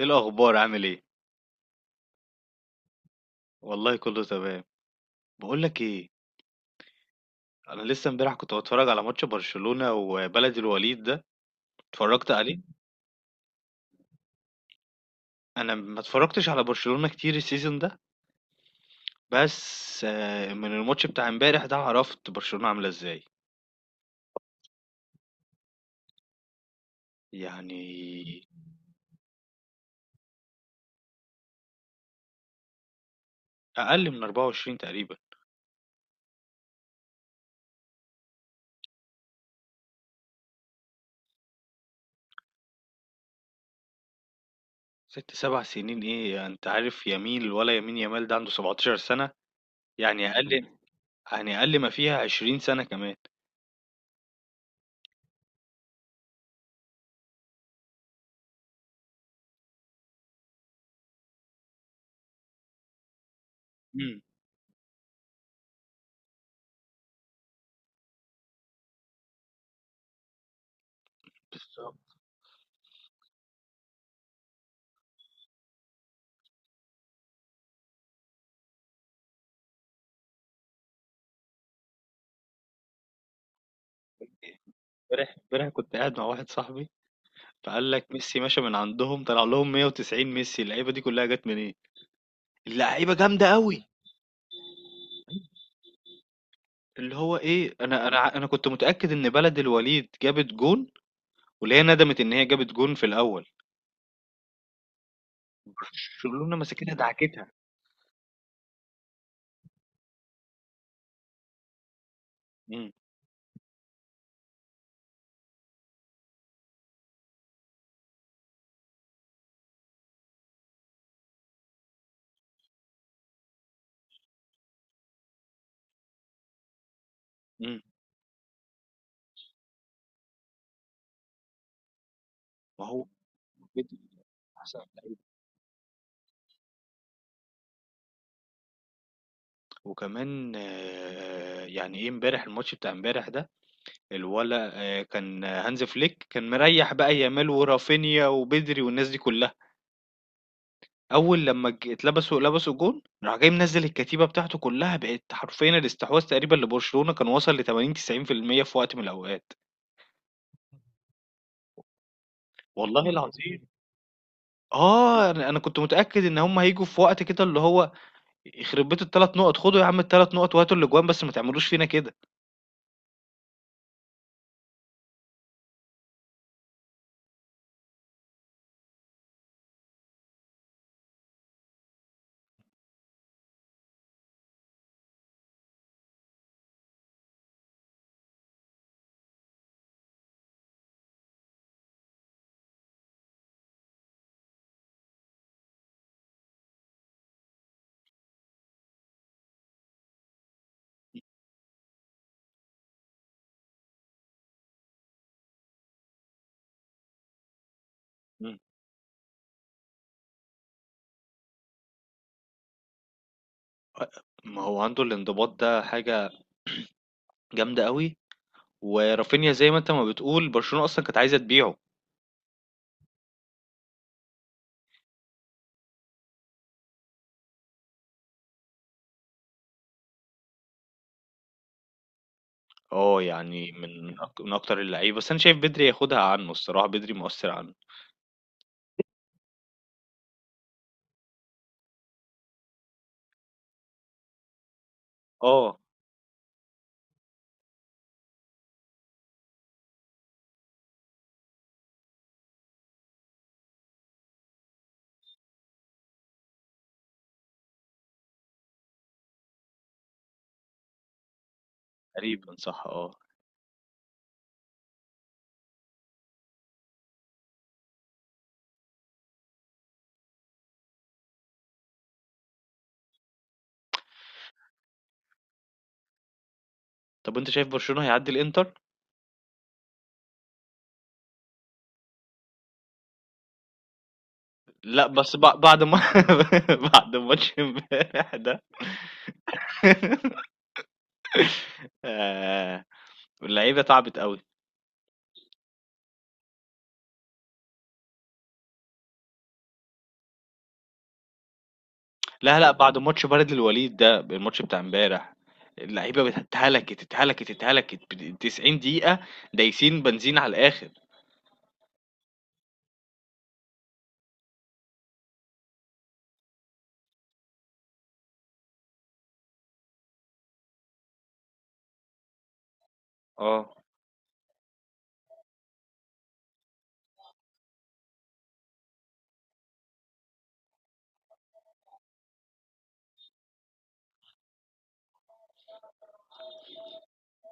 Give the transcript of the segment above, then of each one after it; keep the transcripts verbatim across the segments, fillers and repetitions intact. ايه الاخبار؟ عامل ايه؟ والله كله تمام. بقول لك ايه، انا لسه امبارح كنت بتفرج على ماتش برشلونة وبلد الوليد ده. اتفرجت عليه. انا ما اتفرجتش على برشلونة كتير السيزون ده، بس آه، من الماتش بتاع امبارح ده عرفت برشلونة عاملة ازاي. يعني اقل من أربعة وعشرين تقريبا. ست سبع سنين ايه؟ انت عارف يمين ولا يمين؟ يامال ده عنده سبعة عشر سنة، يعني اقل. يعني اقل ما فيها عشرين سنة كمان. امم بالظبط. امبارح امبارح كنت قاعد مع واحد صاحبي، فقال لك ميسي مشى من عندهم، طلع لهم مية وتسعين. ميسي اللعيبه دي كلها جت منين؟ اللعيبه جامده قوي. اللي هو ايه، انا انا ع- انا كنت متاكد ان بلد الوليد جابت جون، واللي هي ندمت ان هي جابت جون في الاول. برشلونه ماسكينها دعكتها. امم. امم. ما هو، بيدري أحسن لعيب. وكمان آه، يعني ايه، امبارح الماتش بتاع امبارح ده، الولا آه، كان هانز فليك كان مريح بقى يامال ورافينيا وبدري والناس دي كلها. أول لمّا ج اتلبسوا لبسوا جون، راح جاي منزّل الكتيبة بتاعته كلّها، بقت حرفيًا الاستحواذ تقريبًا لبرشلونة كان وصل لتمانين، تسعين في المية في المية في وقت من الأوقات. والله العظيم. آه، أنا أنا كنت متأكد إن هُم هييجوا في وقت كده، اللي هو يخرب بيت التلات نقط. خدوا يا عم التلات نقط وهاتوا الأجوان، بس ما تعملوش فينا كده. إمم. أ ما هو عنده الانضباط، ده حاجة جامدة أوي. ورافينيا زي ما أنت ما بتقول، برشلونة أصلًا كانت عايزة تبيعه. آه يعني من أك من أكتر اللعيبة، بس أنا شايف بدري ياخدها عنه الصراحة، بدري مؤثّر عنه. آه. تقريبًا صح. آه. طب وأنت شايف برشلونة هيعدّي الإنتر؟ لأ، بس بع بعد ما بعد ماتش امبارح ده. آآ اللعيبة تعبت أوي. لا، لأ، بعد ماتش بلد الوليد ده، الماتش بتاع امبارح، اللعيبة بت اتهلكت، اتهلكت، اتهلكت بت تسعين دقيقة دايسين بنزين على الآخر. آه.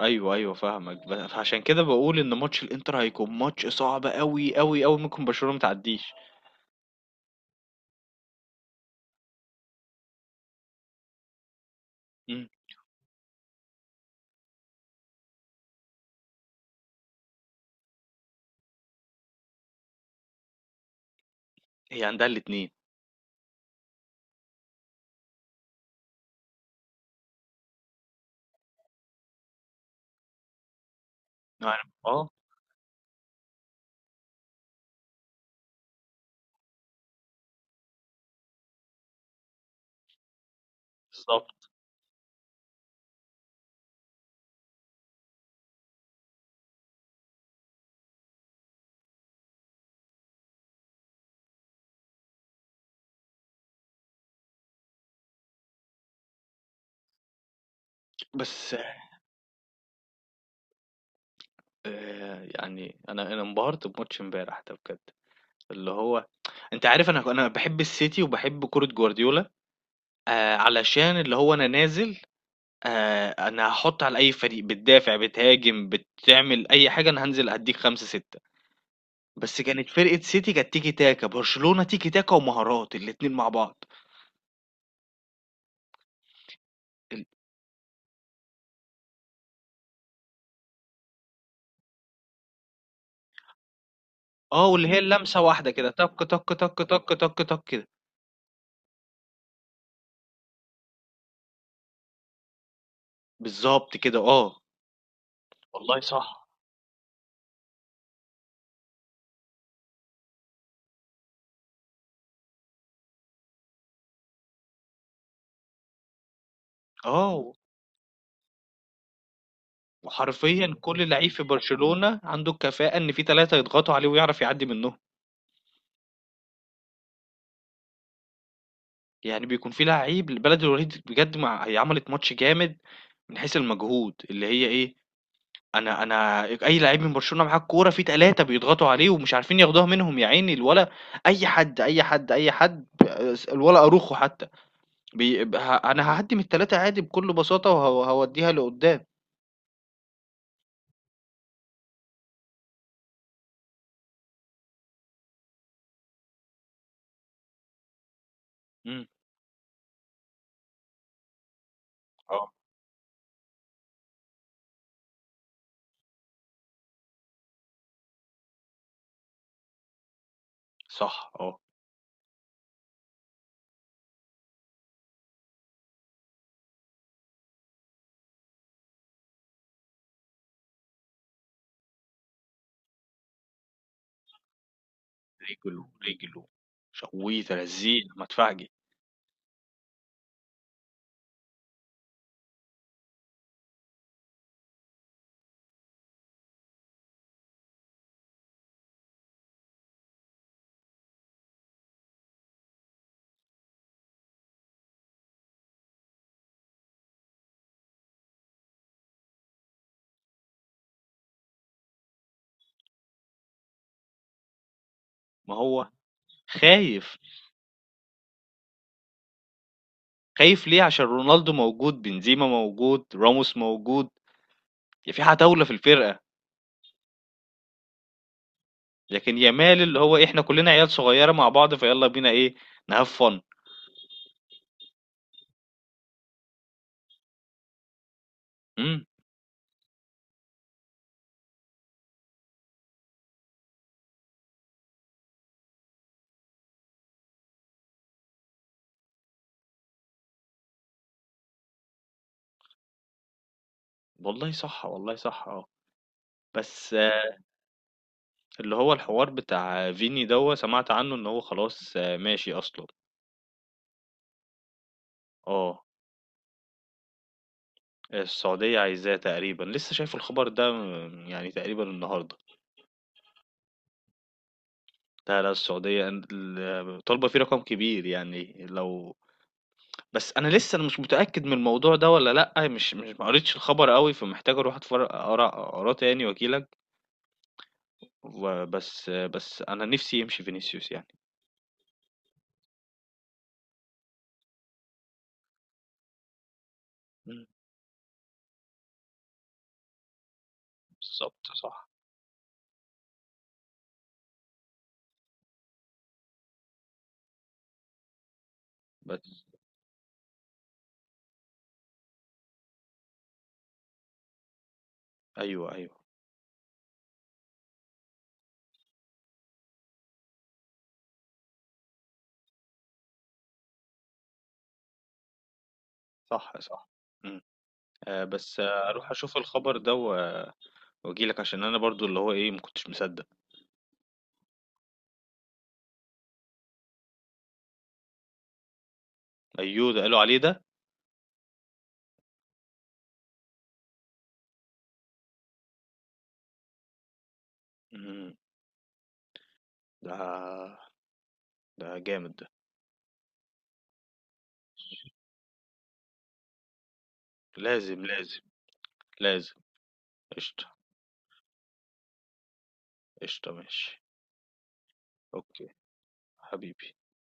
أيوه، أيوه فاهمك. ب فعشان كده باقول إن ماتش الإنتر هيكون ماتش صعب أوي، أوي، أوي. ممكن برشلونة ما تعدّيش. إمم. هي عندها الاتنين. يعني. آه. بالضبط. بس آآ يعني أنا أنا انبهرت بماتش امبارح ده بجد. اللي هو، أنت عارف، أنا أنا باحب السيتي وباحب كورة جوارديولا. آآ علشان اللي هو أنا نازل. آآ أنا هاحُط على أي فريق، بتدافع، بتهاجم، بتعمل أي حاجة، أنا هانزل أدّيك خمسة، ستة. بس كانت فرقة سيتي كانت تيكي تاكا، برشلونة تيكي تاكا ومهارات الاتنين مع بعض. ال آه واللي هي اللمسة واحدة كده، تَك، تَك، تَك، تَك، تَك، تَك كده. بالضبط كده. آه، والله صح. آه. وحرفيًا كل لعيب في برشلونة عنده الكفاءة إن في تلاتة يضغطوا عليه ويعرف يعدي منهم. يعني بيكون في لعيب، البلد الوليد بجد، مع هي عملت ماتش جامد من حيث المجهود، اللي هي إيه، أنا أنا أي لعيب من برشلونة معاه الكورة في تلاتة بيضغطوا عليه ومش عارفين ياخدوها منهم يا عيني. الولا أي حد، أي حد، أي حد. س الولا أروخو حتى. بي ب ه أنا هاعدي من التلاتة عادي بكل بساطة، وه هاوديها لقدام. إمم. آه. صح. آه. رجله، رجله، ش وترزيع مدفعجي. ما هو خايف. خايف ليه؟ عشان رونالدو موجود، بنزيما موجود، راموس موجود، ي في عتاولة في الفرقة. لكن يامال اللي هو إيه، إحنا كلنا عيال صغيرة مع بعض، فيالّا بينا إيه، نhave fun. إمم. والله صح، والله صح. آه. بس آه، اللي هو الحوار بتاع فيني دوّة، سمعت عنه إن هو خلاص آه، ماشي أصلًا. آه. السعودية عايزاه تقريبًا، لسه شايف الخبر ده م يعني تقريبًا النهارده. لا، لا، السعودية أن ال طالبة فيه رقم كبير، يعني لو، بس أنا لسه أنا مش متأكد من الموضوع ده والّا لأ. مش مش ما قريتش الخبر أوي، فمحتاج أروح أتفر أقرا أقراه تاني وأجي لك. وبس بس أنا نِفْسي يمشي فينيسيوس يعني. إمم. بالضبط صح. بس. أيوه، أيوه. صح، صح. إمم. آآ، بس آه أروح أشوف الخبر ده و وأجي لك، عشان أنا برضه اللي هو إيه، ما كنتش مصدّق. أيوه، ده قالوا عليه ده! إمم. ده ده جامد ده. لازم، لازم، لازم. قشطة. قشطة. ماشي. أوكي. حبيبي.